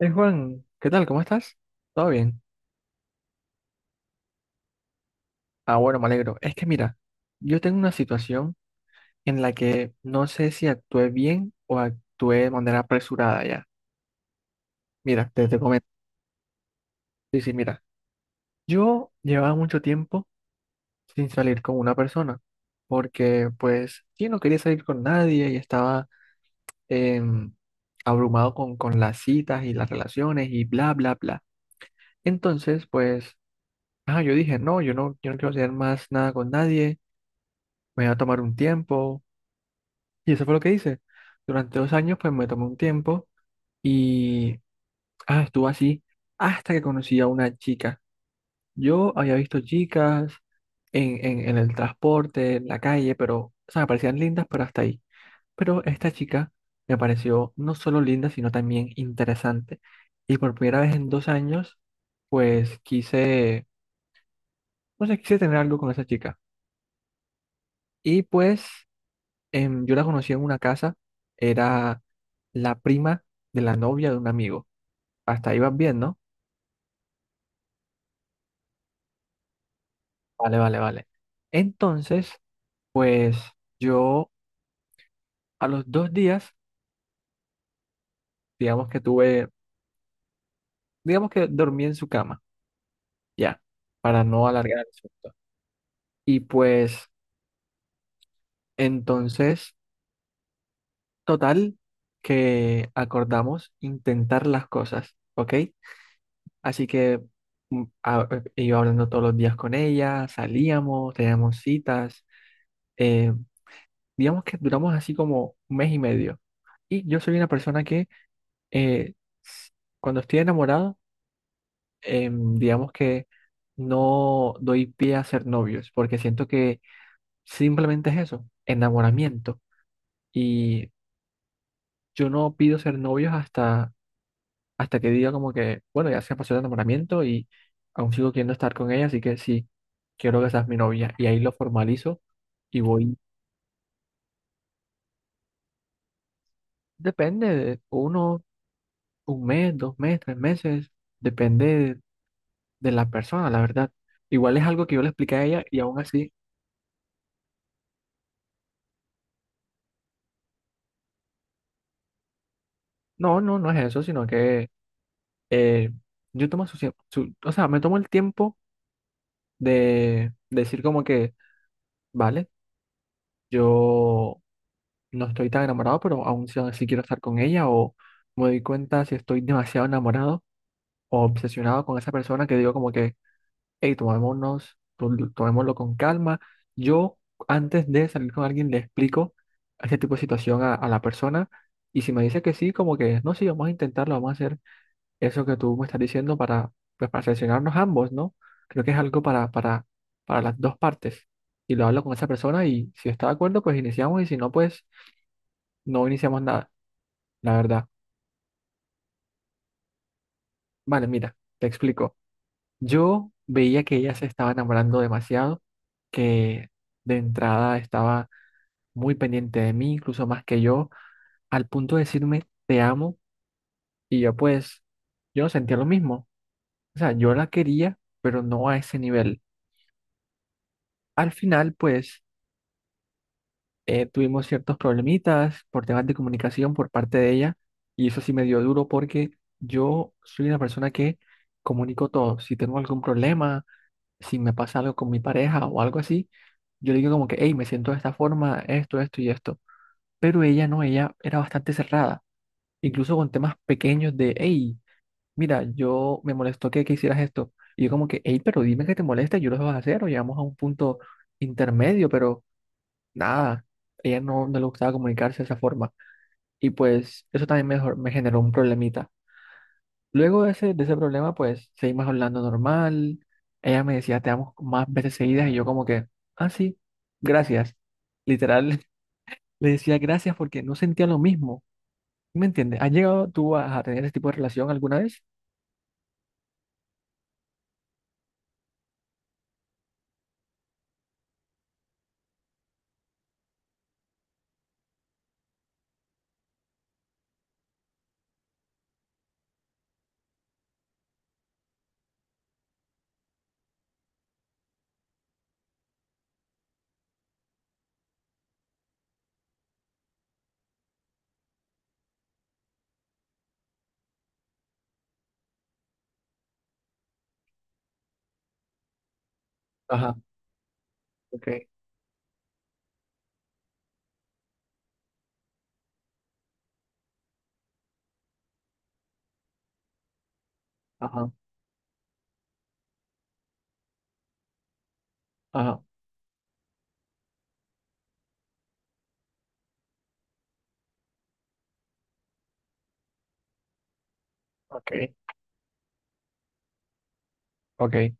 Juan, ¿qué tal? ¿Cómo estás? ¿Todo bien? Ah, bueno, me alegro. Es que mira, yo tengo una situación en la que no sé si actué bien o actué de manera apresurada ya. Mira, te comento. Sí, sí, mira. Yo llevaba mucho tiempo sin salir con una persona porque pues sí, no quería salir con nadie y estaba em, abrumado con las citas y las relaciones y bla, bla, bla. Entonces, pues, yo dije, no, yo no quiero hacer más nada con nadie me iba a tomar un tiempo. Y eso fue lo que hice. Durante 2 años, pues me tomé un tiempo y estuvo así hasta que conocí a una chica. Yo había visto chicas en el transporte, en la calle, pero, o sea, me parecían lindas, pero hasta ahí. Pero esta chica me pareció no solo linda, sino también interesante. Y por primera vez en 2 años, pues quise, no sé, quise tener algo con esa chica. Y pues yo la conocí en una casa, era la prima de la novia de un amigo. Hasta ahí vas bien, ¿no? Vale, vale, vale. Entonces, pues yo a los 2 días, digamos que tuve, digamos que dormí en su cama, ya, para no alargar el asunto. Y pues entonces, total, que acordamos intentar las cosas, ¿ok? Así que iba hablando todos los días con ella, salíamos, teníamos citas eh, digamos que duramos así como un mes y medio. Y yo soy una persona que eh, s- cuando estoy enamorado, digamos que no doy pie a ser novios, porque siento que simplemente es eso, enamoramiento. Y yo no pido ser novios hasta que diga como que, bueno, ya se pasó el enamoramiento y aún sigo queriendo estar con ella, así que sí, quiero que seas mi novia. Y ahí lo formalizo y voy. Depende de uno. Un mes, 2 meses, 3 meses, depende de la persona, la verdad. Igual es algo que yo le expliqué a ella y aún así, no, no, no es eso, sino que eh, yo tomo o sea, me tomo el tiempo de decir como que, vale, yo no estoy tan enamorado, pero aún si así quiero estar con ella o me doy cuenta si estoy demasiado enamorado o obsesionado con esa persona que digo como que hey, tomémonos, tomémoslo con calma. Yo, antes de salir con alguien, le explico ese tipo de situación a la persona. Y si me dice que sí, como que, no, sí, vamos a intentarlo, vamos a hacer eso que tú me estás diciendo para, pues, para seleccionarnos ambos, ¿no? Creo que es algo para las dos partes. Y lo hablo con esa persona y si está de acuerdo, pues iniciamos y si no, pues no iniciamos nada, la verdad. Vale, mira, te explico. Yo veía que ella se estaba enamorando demasiado, que de entrada estaba muy pendiente de mí, incluso más que yo, al punto de decirme te amo y yo pues, yo no sentía lo mismo. O sea, yo la quería, pero no a ese nivel. Al final pues tuvimos ciertos problemitas por temas de comunicación por parte de ella y eso sí me dio duro porque yo soy una persona que comunico todo. Si tengo algún problema, si me pasa algo con mi pareja o algo así, yo le digo como que, hey, me siento de esta forma, esto y esto. Pero ella no, ella era bastante cerrada. Incluso con temas pequeños de, hey, mira, yo me molestó que hicieras esto. Y yo como que, hey, pero dime que te molesta, yo lo vas a hacer, o llegamos a un punto intermedio, pero nada, ella no, no le gustaba comunicarse de esa forma. Y pues eso también me generó un problemita. Luego de ese problema, pues seguimos hablando normal. Ella me decía, te amo más veces seguidas, y yo como que, ah, sí, gracias. Literal, le decía gracias porque no sentía lo mismo. ¿Sí? ¿Me entiendes? ¿Has llegado tú a tener ese tipo de relación alguna vez? Ajá, ok, ajá, ajá, ok, ok.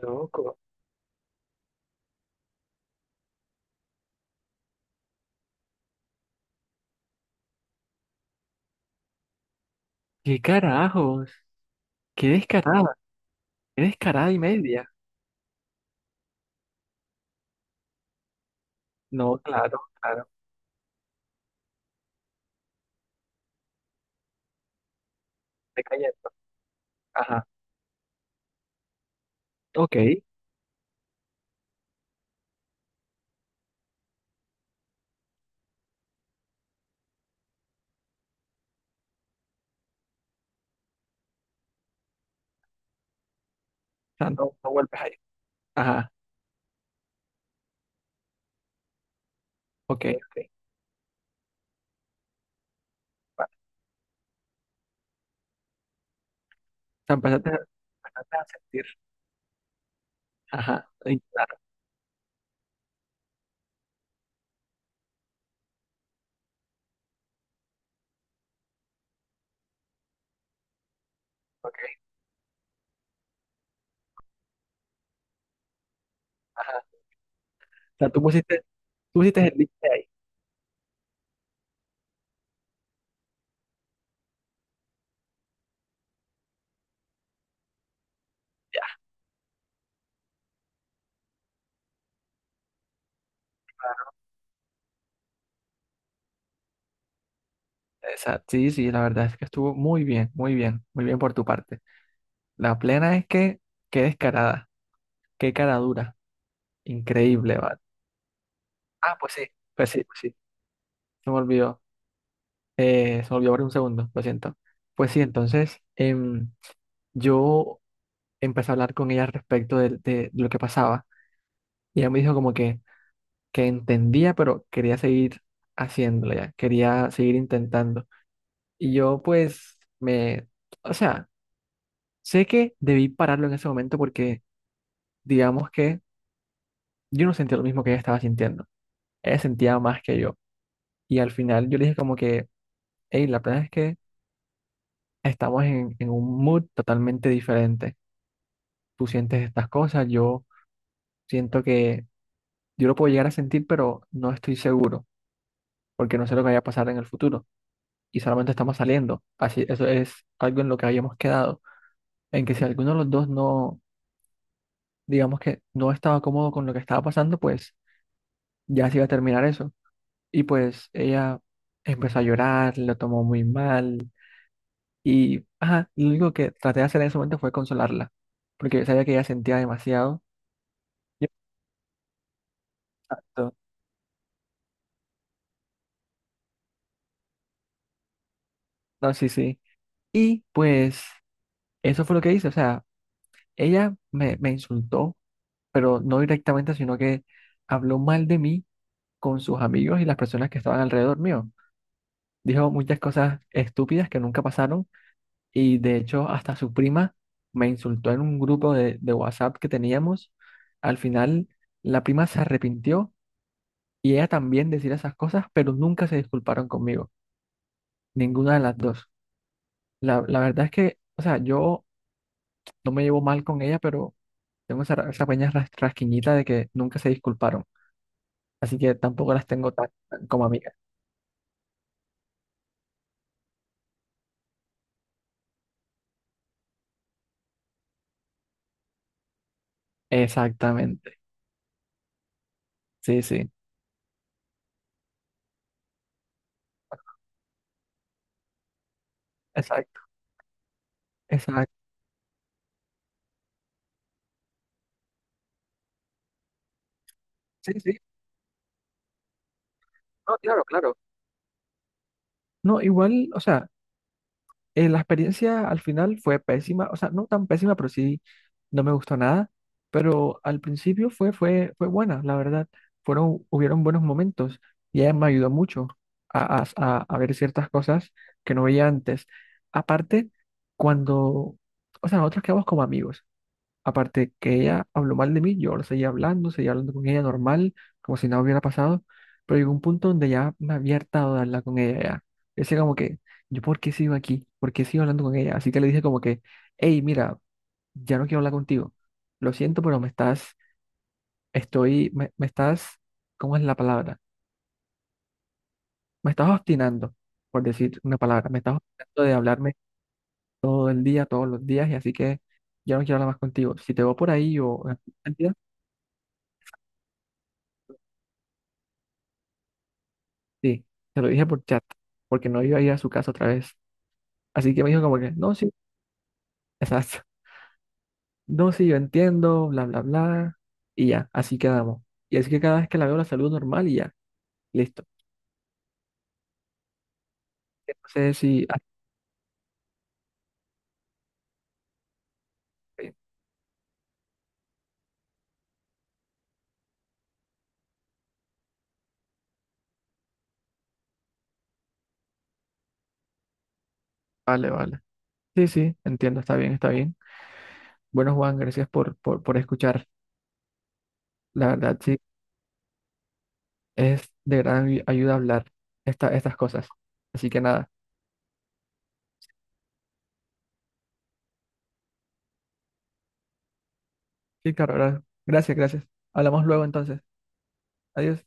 Loco. ¿Qué carajos? ¿Qué descarada? ¿Qué descarada y media? No, claro, claro, te cayendo. Ajá, ok. O sea, no, no vuelves ahí. Ajá, ok, ok. Vale. O sea, empezaste a sentir. Ajá, y claro, ok, ajá. O sea, tú pusiste el límite ahí. Ya. Exacto. Sí, sí, la verdad es que estuvo muy bien, muy bien, muy bien por tu parte. La plena es que, qué descarada, qué cara dura, increíble, ¿vale? Ah, pues sí, pues sí, pues sí. Se me olvidó. Se me olvidó por un segundo, lo siento. Pues sí, entonces yo empecé a hablar con ella al respecto de lo que pasaba. Y ella me dijo como que entendía, pero quería seguir haciéndolo ya, quería seguir intentando. Y yo pues o sea, sé que debí pararlo en ese momento porque digamos que yo no sentía lo mismo que ella estaba sintiendo. Ella sentía más que yo. Y al final yo le dije como que, hey, la verdad es que estamos en un mood totalmente diferente. Tú sientes estas cosas, yo siento que yo lo puedo llegar a sentir, pero no estoy seguro, porque no sé lo que vaya a pasar en el futuro y solamente estamos saliendo. Así, eso es algo en lo que habíamos quedado, en que si alguno de los dos no, digamos que no estaba cómodo con lo que estaba pasando, pues ya se iba a terminar eso. Y pues ella empezó a llorar, lo tomó muy mal y ajá, lo único que traté de hacer en ese momento fue consolarla, porque yo sabía que ella sentía demasiado. Exacto. No, sí, sí. Y pues eso fue lo que hice. O sea, ella me insultó, pero no directamente, sino que habló mal de mí con sus amigos y las personas que estaban alrededor mío. Dijo muchas cosas estúpidas que nunca pasaron y de hecho hasta su prima me insultó en un grupo de WhatsApp que teníamos. Al final la prima se arrepintió y ella también decía esas cosas, pero nunca se disculparon conmigo, ninguna de las dos. La verdad es que, o sea, yo no me llevo mal con ella, pero tengo esa pequeña rasquiñita de que nunca se disculparon. Así que tampoco las tengo tan como amigas. Exactamente. Sí, sí. Exacto, exacto. Sí, sí. No, claro, claro. No, igual, o sea. La experiencia al final fue pésima, o sea, no tan pésima, pero sí no me gustó nada, pero al principio fue buena, la verdad. Hubieron buenos momentos y ella me ayudó mucho a ver ciertas cosas que no veía antes. Aparte, cuando, o sea, nosotros quedamos como amigos. Aparte que ella habló mal de mí, yo lo seguía hablando con ella normal, como si nada hubiera pasado, pero llegó un punto donde ya me había hartado de hablar con ella ya. Yo decía como que, ¿yo por qué sigo aquí? ¿Por qué sigo hablando con ella? Así que le dije como que, hey, mira, ya no quiero hablar contigo. Lo siento, pero me estás, estoy, me estás, ¿cómo es la palabra? Me estás obstinando, por decir una palabra, me estás obstinando de hablarme todo el día, todos los días, y así que ya no quiero hablar más contigo. Si te veo por ahí o. Sí, se lo dije por chat, porque no iba a ir a su casa otra vez. Así que me dijo como que, no, sí, exacto. No, sí, yo entiendo, bla, bla, bla. Y ya, así quedamos. Y así que cada vez que la veo la saludo normal y ya, listo. No sé si, ah, sí, vale, vale. Sí, sí, entiendo, está bien, está bien. Bueno, Juan, gracias por escuchar. La verdad, sí, es de gran ayuda hablar estas cosas. Así que nada, sí, claro, gracias, gracias. Hablamos luego entonces. Adiós.